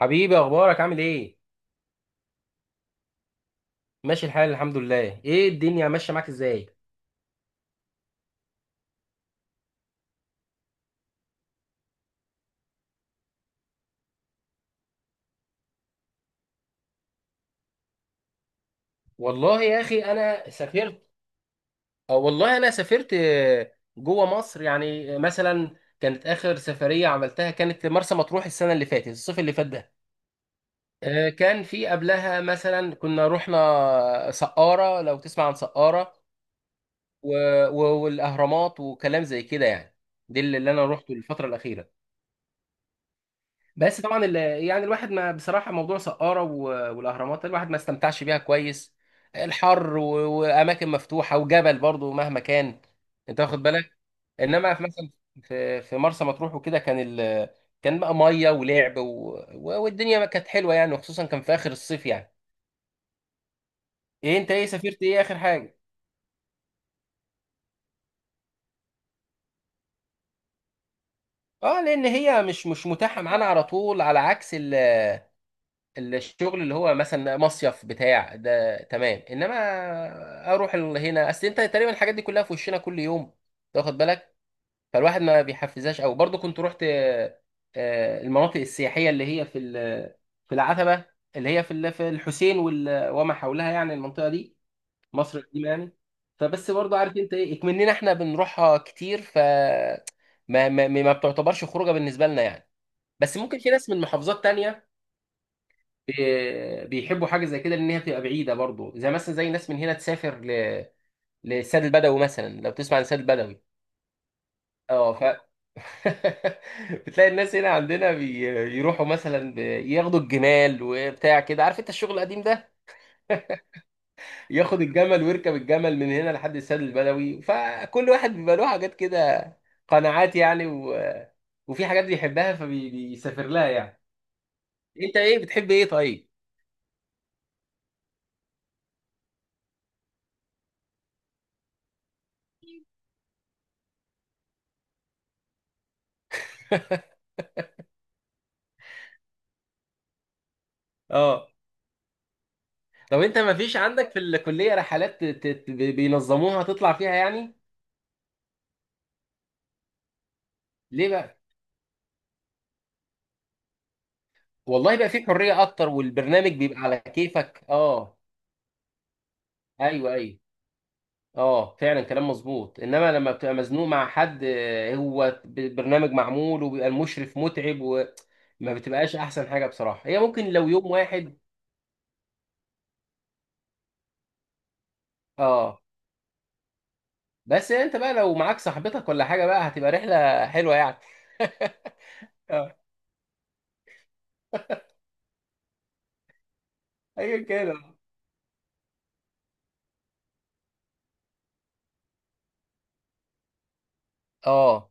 حبيبي، اخبارك؟ عامل ايه؟ ماشي الحال، الحمد لله. ايه الدنيا ماشيه معاك ازاي؟ والله يا اخي انا سافرت، أو والله انا سافرت. جوه مصر يعني، مثلا كانت اخر سفريه عملتها كانت مرسى مطروح، السنه اللي فاتت، الصيف اللي فات ده. كان في قبلها مثلا كنا رحنا سقاره، لو تسمع عن سقاره، والاهرامات وكلام زي كده يعني. دي اللي انا روحته الفتره الاخيره. بس طبعا يعني الواحد ما بصراحه موضوع سقاره والاهرامات ده، الواحد ما استمتعش بيها كويس. الحر واماكن مفتوحه وجبل برضو مهما كان، انت واخد بالك؟ انما في مثلا، في مرسى مطروح وكده، كان كان بقى ميه ولعب والدنيا كانت حلوه يعني، وخصوصا كان في اخر الصيف يعني. ايه انت؟ ايه سافرت؟ ايه اخر حاجه؟ اه، لان هي مش متاحه معانا على طول، على عكس الشغل، اللي هو مثلا مصيف بتاع ده، تمام. انما اروح هنا، اصل انت تقريبا الحاجات دي كلها في وشنا كل يوم، تاخد بالك؟ فالواحد ما بيحفزهاش. او برضو كنت رحت المناطق السياحيه، اللي هي في في العتبه، اللي هي في في الحسين وما حولها، يعني المنطقه دي، مصر القديمه يعني. فبس برضو عارف انت ايه، اكمننا احنا بنروحها كتير، ف ما بتعتبرش خروجه بالنسبه لنا يعني. بس ممكن في ناس من محافظات تانية بيحبوا حاجه زي كده، لان هي بتبقى بعيده برضو، زي مثلا زي ناس من هنا تسافر للسد البدوي مثلا، لو تسمع عن السد البدوي. اه ف بتلاقي الناس هنا عندنا بيروحوا مثلا ياخدوا الجمال وبتاع كده، عارف انت الشغل القديم ده، ياخد الجمل ويركب الجمل من هنا لحد السد البدوي. فكل واحد بيبقى له حاجات كده، قناعات يعني، وفي حاجات بيحبها فبيسافر لها يعني. انت ايه؟ بتحب ايه طيب؟ اه. طب انت ما فيش عندك في الكليه رحلات بينظموها تطلع فيها يعني؟ ليه بقى؟ والله بقى في حريه اكتر، والبرنامج بيبقى على كيفك، اه. ايوه ايوه. اه فعلا، كلام مظبوط. انما لما بتبقى مزنوق مع حد، هو برنامج معمول وبيبقى المشرف متعب، وما بتبقاش احسن حاجه بصراحه. هي ممكن لو يوم واحد، اه. بس انت بقى لو معاك صاحبتك ولا حاجه بقى، هتبقى رحله حلوه يعني. اه، ايا كان. اه،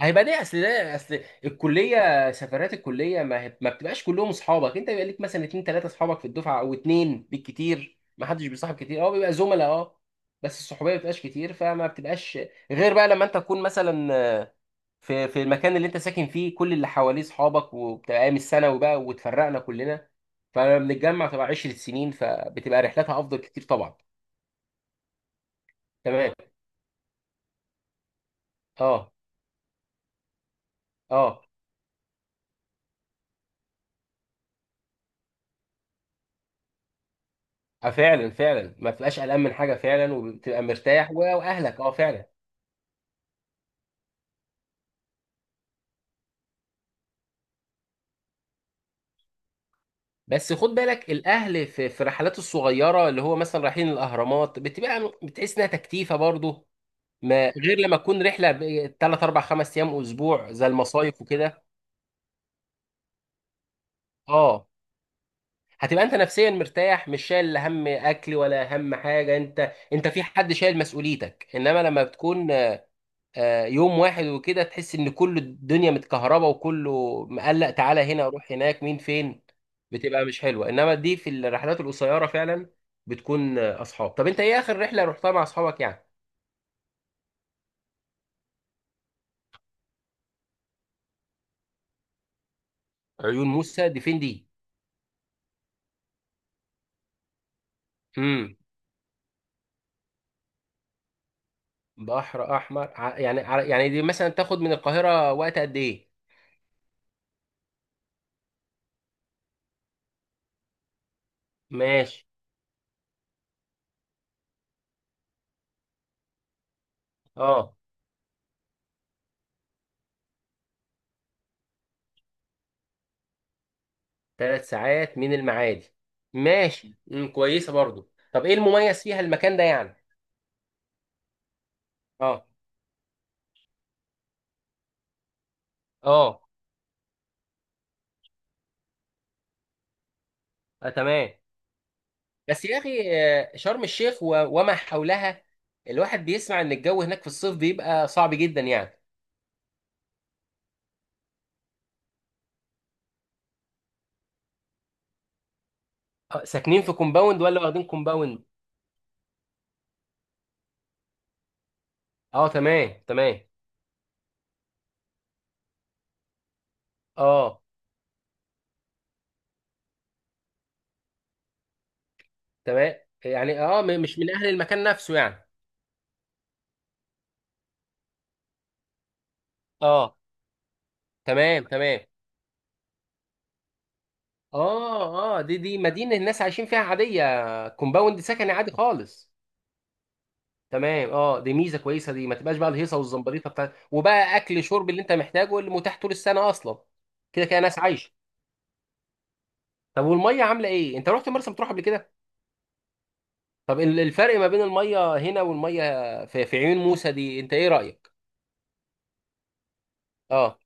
هيبقى ليه؟ اصل ده، اصل الكليه، سفرات الكليه ما، ما بتبقاش كلهم اصحابك. انت بيبقى ليك مثلا اتنين تلاته اصحابك في الدفعه، او اتنين بالكتير، ما حدش بيصاحب كتير، اه بيبقى زملاء، اه. بس الصحوبيه ما بتبقاش كتير، فما بتبقاش غير بقى لما انت تكون مثلا في المكان اللي انت ساكن فيه، كل اللي حواليه اصحابك، وبتبقى ايام الثانوي بقى واتفرقنا كلنا، فبنتجمع تبقى 10 سنين، فبتبقى رحلاتها افضل كتير طبعا. تمام. اه اه اه فعلا، فعلا ما بتبقاش قلقان من حاجه فعلا، وبتبقى مرتاح واهلك، اه فعلا. بس خد بالك الاهل في الرحلات الصغيره، اللي هو مثلا رايحين الاهرامات، بتبقى بتحس انها تكتيفه برضه. ما غير لما تكون رحله 3 4 5 ايام، اسبوع، زي المصايف وكده. اه هتبقى انت نفسيا مرتاح، مش شايل لا هم اكل ولا هم حاجه، انت في حد شايل مسؤوليتك. انما لما بتكون يوم واحد وكده، تحس ان كل الدنيا متكهربه وكله مقلق، تعالى هنا، روح هناك، مين، فين، بتبقى مش حلوه. انما دي في الرحلات القصيره فعلا، بتكون اصحاب. طب انت ايه اخر رحله رحتها مع اصحابك يعني؟ عيون موسى دي فين دي؟ امم. بحر احمر يعني يعني دي مثلا تاخد من القاهره وقت قد ايه؟ ماشي. اه، ثلاث ساعات من المعادي؟ ماشي، امم، كويسه برضو. طب ايه المميز فيها المكان ده يعني؟ اه اه تمام. بس يا اخي شرم الشيخ وما حولها، الواحد بيسمع ان الجو هناك في الصيف بيبقى صعب جدا يعني. ساكنين في كومباوند ولا واخدين كومباوند؟ اه تمام تمام. اه تمام، يعني اه مش من اهل المكان نفسه يعني. اه تمام تمام. اه اه، دي دي مدينة الناس عايشين فيها عادية، كومباوند سكني عادي خالص. تمام اه، دي ميزة كويسة، دي ما تبقاش بقى الهيصة والزمبريطة بتاع، وبقى اكل شرب اللي انت محتاجه، اللي متاح طول السنة اصلا. كده كده ناس عايشة. طب والميه عامله ايه؟ انت رحت مرسى مطروح قبل كده. طب الفرق ما بين الميه هنا والميه في، في عيون موسى دي، انت ايه رايك؟ اه،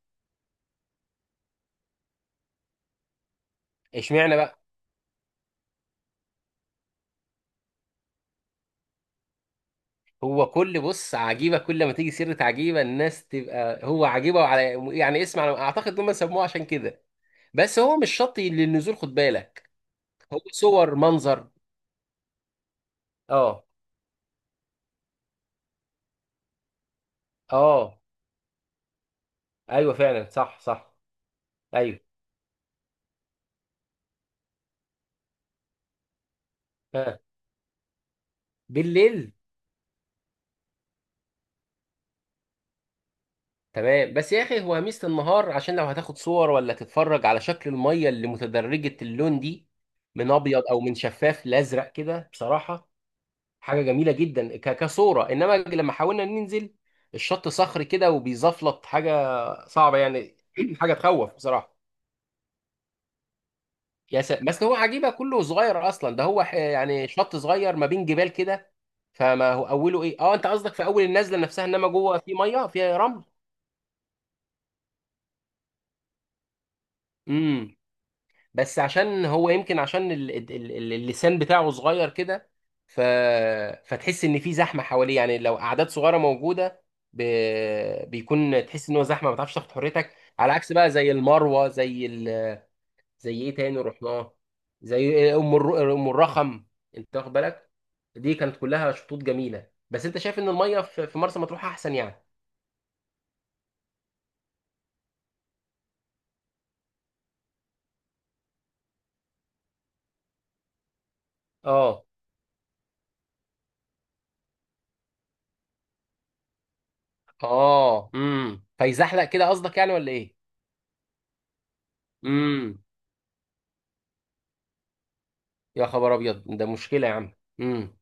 اشمعنى بقى؟ هو كل بص عجيبه، كل ما تيجي سيره عجيبه الناس تبقى هو عجيبه، وعلى يعني اسم، على اعتقد ان هم سموه عشان كده. بس هو مش شط للنزول، خد بالك. هو صور منظر. اه اه ايوه فعلا صح صح. ايوه آه. بالليل. تمام. بس يا اخي هو ميزة النهار، عشان لو هتاخد صور ولا تتفرج على شكل المية اللي متدرجة اللون دي، من ابيض او من شفاف لازرق كده بصراحة، حاجة جميلة جدا كصورة. انما لما حاولنا ننزل، الشط صخري كده وبيزفلط، حاجة صعبة يعني، حاجة تخوف بصراحة. بس هو عجيبة كله صغير اصلا، ده هو يعني شط صغير ما بين جبال كده. فما هو اوله ايه، اه انت قصدك في اول النزلة نفسها، انما جوه في مية فيها رمل. إمم. بس عشان هو يمكن، عشان اللسان بتاعه صغير كده، ف... فتحس ان في زحمه حواليه يعني، لو اعداد صغيره موجوده، ب... بيكون تحس ان هو زحمه، ما بتعرفش تاخد حريتك. على عكس بقى زي المروه، زي زي ايه تاني رحناه، زي ام الرخم، انت واخد بالك؟ دي كانت كلها شطوط جميله، بس انت شايف ان الميه في، في مرسى مطروح احسن يعني. اه اه امم، فيزحلق كده قصدك يعني ولا ايه؟ امم، يا خبر ابيض، ده مشكله يا عم. امم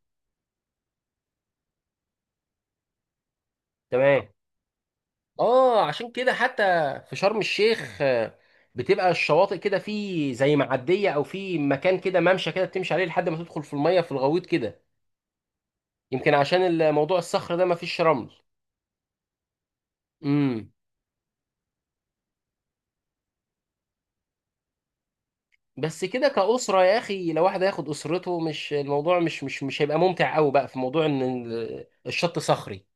تمام. اه عشان كده حتى في شرم الشيخ بتبقى الشواطئ كده، في زي معديه او في مكان كده ممشى كده بتمشي عليه لحد ما تدخل في الميه في الغويط كده. يمكن عشان الموضوع الصخر ده ما فيش رمل. امم. بس كده كأسرة يا أخي، لو واحد هياخد أسرته، مش الموضوع مش هيبقى ممتع قوي بقى، في موضوع إن الشط صخري.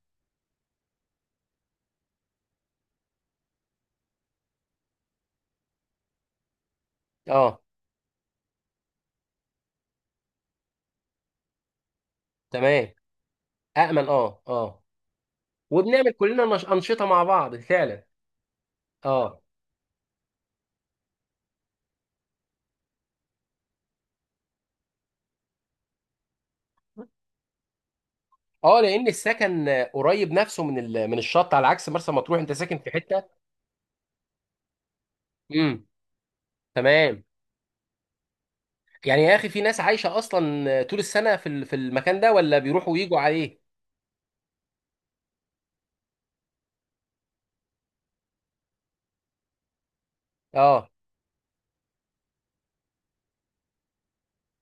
اه تمام. أأمن اه اه. وبنعمل كلنا أنشطة مع بعض فعلا. اه اه، لان السكن قريب نفسه من من الشط، على عكس مرسى مطروح انت ساكن في حته. امم تمام. يعني يا اخي في ناس عايشه اصلا طول السنه في في المكان ده، ولا بيروحوا ويجوا عليه؟ اه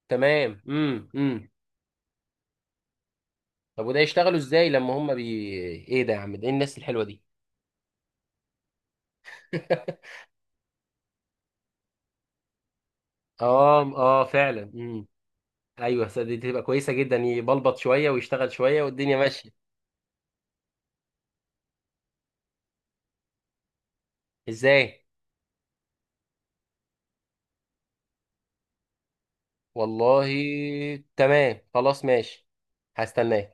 تمام امم. طب وده يشتغلوا ازاي لما هم بي، ايه ده يا عم، ده ايه الناس الحلوه دي؟ اه اه فعلا امم. ايوه صدق، دي تبقى كويسه جدا، يبلبط شويه ويشتغل شويه والدنيا ماشيه. ازاي؟ والله. تمام، خلاص ماشي. هستناه.